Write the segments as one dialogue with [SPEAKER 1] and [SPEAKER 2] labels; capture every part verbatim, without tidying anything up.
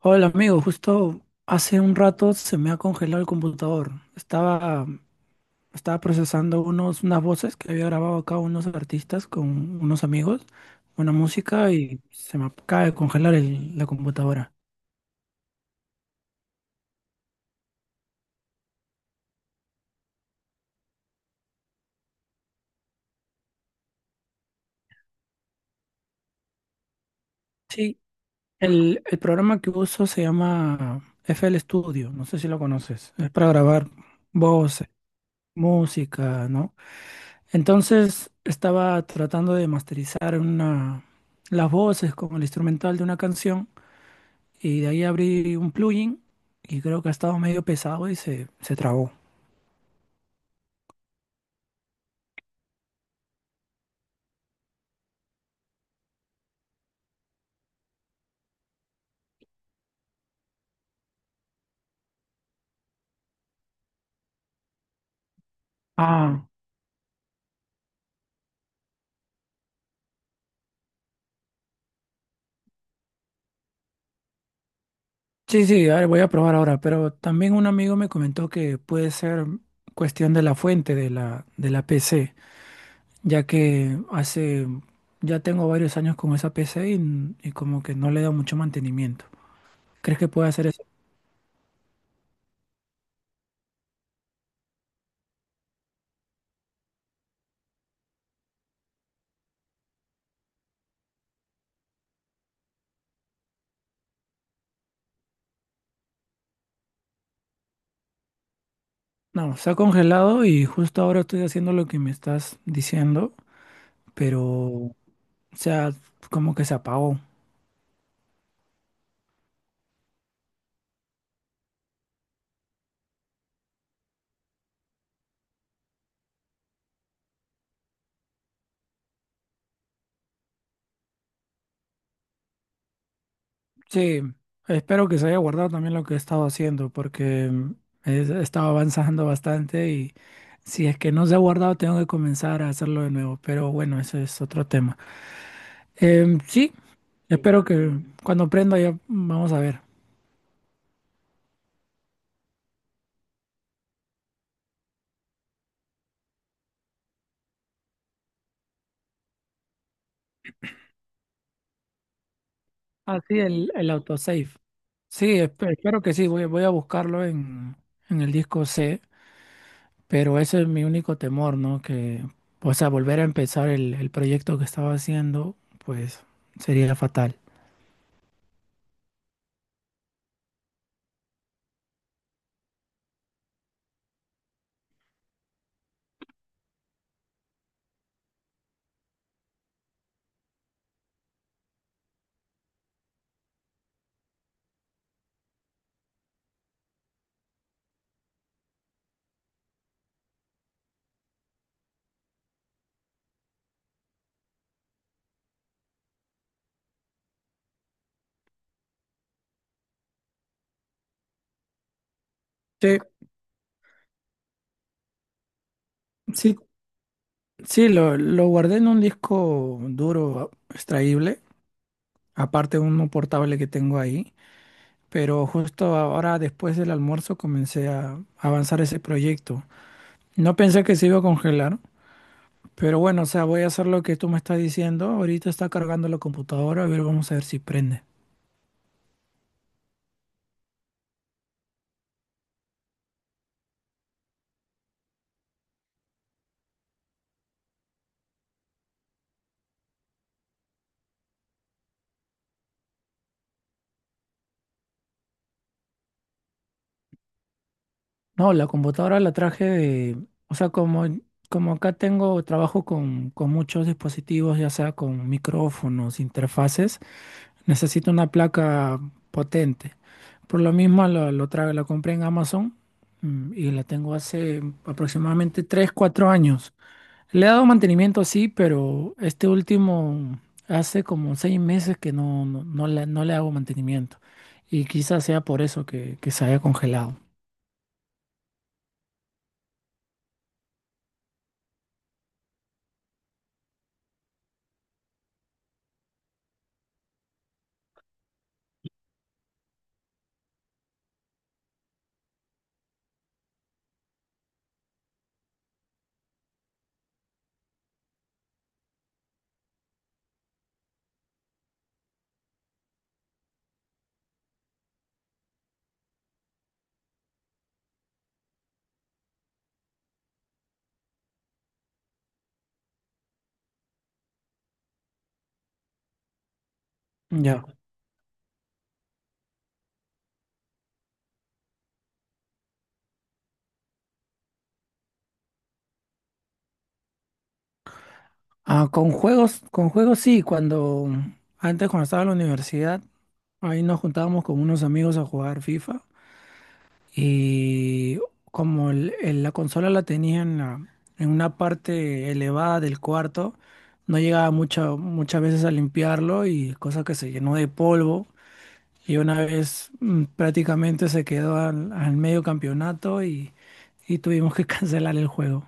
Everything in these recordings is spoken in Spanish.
[SPEAKER 1] Hola amigo, justo hace un rato se me ha congelado el computador. Estaba, estaba procesando unos, unas voces que había grabado acá unos artistas con unos amigos, una música y se me acaba de congelar el- la computadora. Sí, el, el programa que uso se llama F L Studio, no sé si lo conoces. Es para grabar voces, música, ¿no? Entonces estaba tratando de masterizar una, las voces con el instrumental de una canción. Y de ahí abrí un plugin y creo que ha estado medio pesado y se, se trabó. Ah, sí, sí, a ver, voy a probar ahora, pero también un amigo me comentó que puede ser cuestión de la fuente de la, de la P C, ya que hace, ya tengo varios años con esa P C y, n- y como que no le he dado mucho mantenimiento. ¿Crees que puede hacer eso? No, se ha congelado y justo ahora estoy haciendo lo que me estás diciendo, pero, o sea, como que se apagó. Sí, espero que se haya guardado también lo que he estado haciendo, porque mm, he, he estado avanzando bastante y si es que no se ha guardado, tengo que comenzar a hacerlo de nuevo. Pero bueno, ese es otro tema. Em, sí, espero que cuando aprenda ya mm, vamos a ver. Ah, sí, el, el autosave. Sí, esp- espero que sí, voy, voy a buscarlo en, en el disco ce, pero ese es mi único temor, ¿no? Que, o sea, volver a empezar el, el proyecto que estaba haciendo, pues sería fatal. Sí. Sí, sí, lo, lo guardé en un disco duro extraíble, aparte de uno portable que tengo ahí, pero justo ahora después del almuerzo comencé a avanzar ese proyecto. No pensé que se iba a congelar, pero bueno, o sea, voy a hacer lo que tú me estás diciendo. Ahorita está cargando la computadora, a ver, vamos a ver si prende. No, la computadora la traje de, o sea, como, como acá tengo trabajo con, con muchos dispositivos, ya sea con micrófonos, interfaces. Necesito una placa potente. Por lo mismo, lo, lo tra- la compré en Amazon mm, y la tengo hace aproximadamente tres cuatro años. Le he dado mantenimiento, sí, pero este último hace como seis meses que no, no, no le, no le hago mantenimiento. Y quizás sea por eso que, que se haya congelado. Ya. Ah, con juegos, con juegos sí, cuando antes cuando estaba en la universidad, ahí nos juntábamos con unos amigos a jugar FIFA. Y como el- el- la consola la tenía en, la- en una parte elevada del cuarto, no llegaba mucha- muchas veces a limpiarlo y cosa que se llenó de polvo. Y una vez mm, prácticamente se quedó al, al medio campeonato y, y tuvimos que cancelar el juego.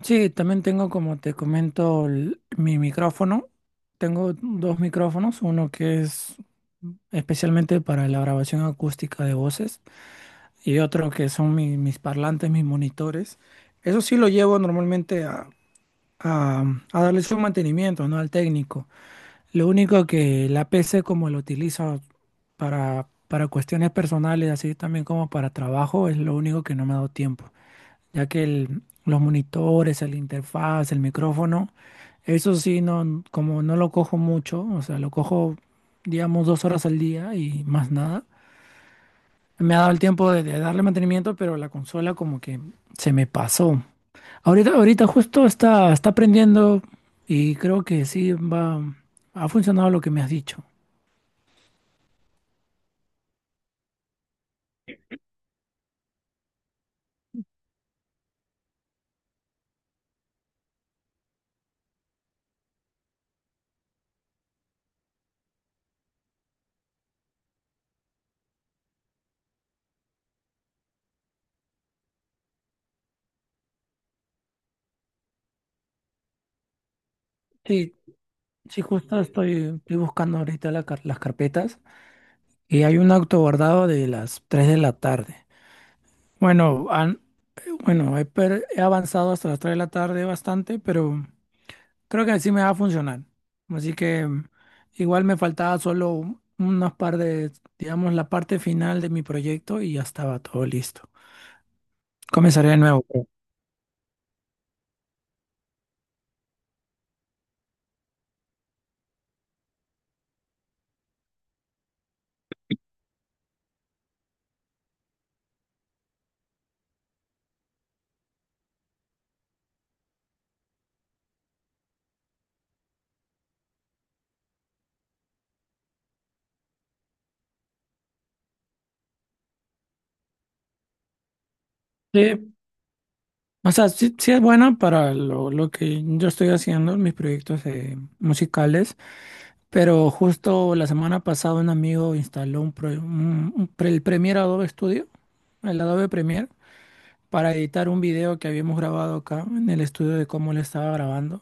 [SPEAKER 1] Sí, también tengo, como te comento, el- mi micrófono. Tengo dos micrófonos, uno que es especialmente para la grabación acústica de voces y otro que son mi- mis parlantes, mis monitores. Eso sí lo llevo normalmente a, a, a darle su mantenimiento, ¿no? Al técnico. Lo único que la P C como lo utilizo para, para cuestiones personales, así también como para trabajo, es lo único que no me ha dado tiempo, ya que el- los monitores, el interfaz, el micrófono, eso sí, no, como no lo cojo mucho, o sea, lo cojo, digamos, dos horas al día y más nada. Me ha dado el tiempo de, de darle mantenimiento, pero la consola como que se me pasó. Ahorita, ahorita justo está, está prendiendo y creo que sí va, ha funcionado lo que me has dicho. Sí, sí, justo estoy, estoy buscando ahorita la car- las carpetas y hay un auto guardado de las tres de la tarde. Bueno, han- eh, bueno, he, per- He avanzado hasta las tres de la tarde bastante, pero creo que así me va a funcionar. Así que mm, igual me faltaba solo un- unos par de, digamos, la parte final de mi proyecto y ya estaba todo listo. Comenzaré de nuevo, creo. Sí, o sea, sí, sí es bueno para lo, lo que yo estoy haciendo, mis proyectos eh, musicales, pero justo la semana pasada un amigo instaló un, pro- un- un pre- el Premiere Adobe Studio, el Adobe Premiere, para editar un video que habíamos grabado acá en el estudio de cómo le estaba grabando.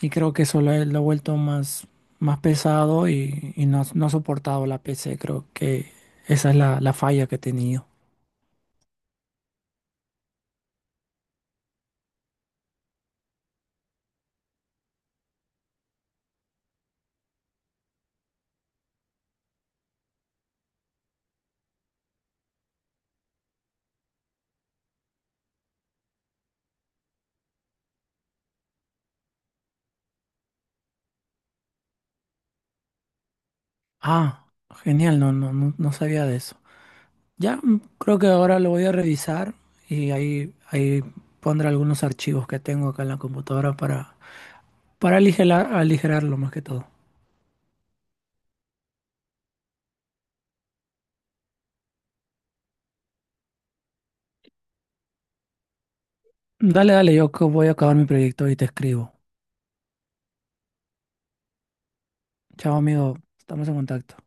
[SPEAKER 1] Y creo que eso lo, he- lo ha vuelto más, más pesado y, y no, no ha soportado la P C. Creo que esa es la, la falla que he tenido. Ah, genial, no, no, no, no sabía de eso. Ya mm, creo que ahora lo voy a revisar y ahí, ahí pondré algunos archivos que tengo acá en la computadora para, para aligerar, aligerarlo más que todo. Dale, dale, yo que voy a acabar mi proyecto y te escribo. Chao, amigo, estamos en contacto.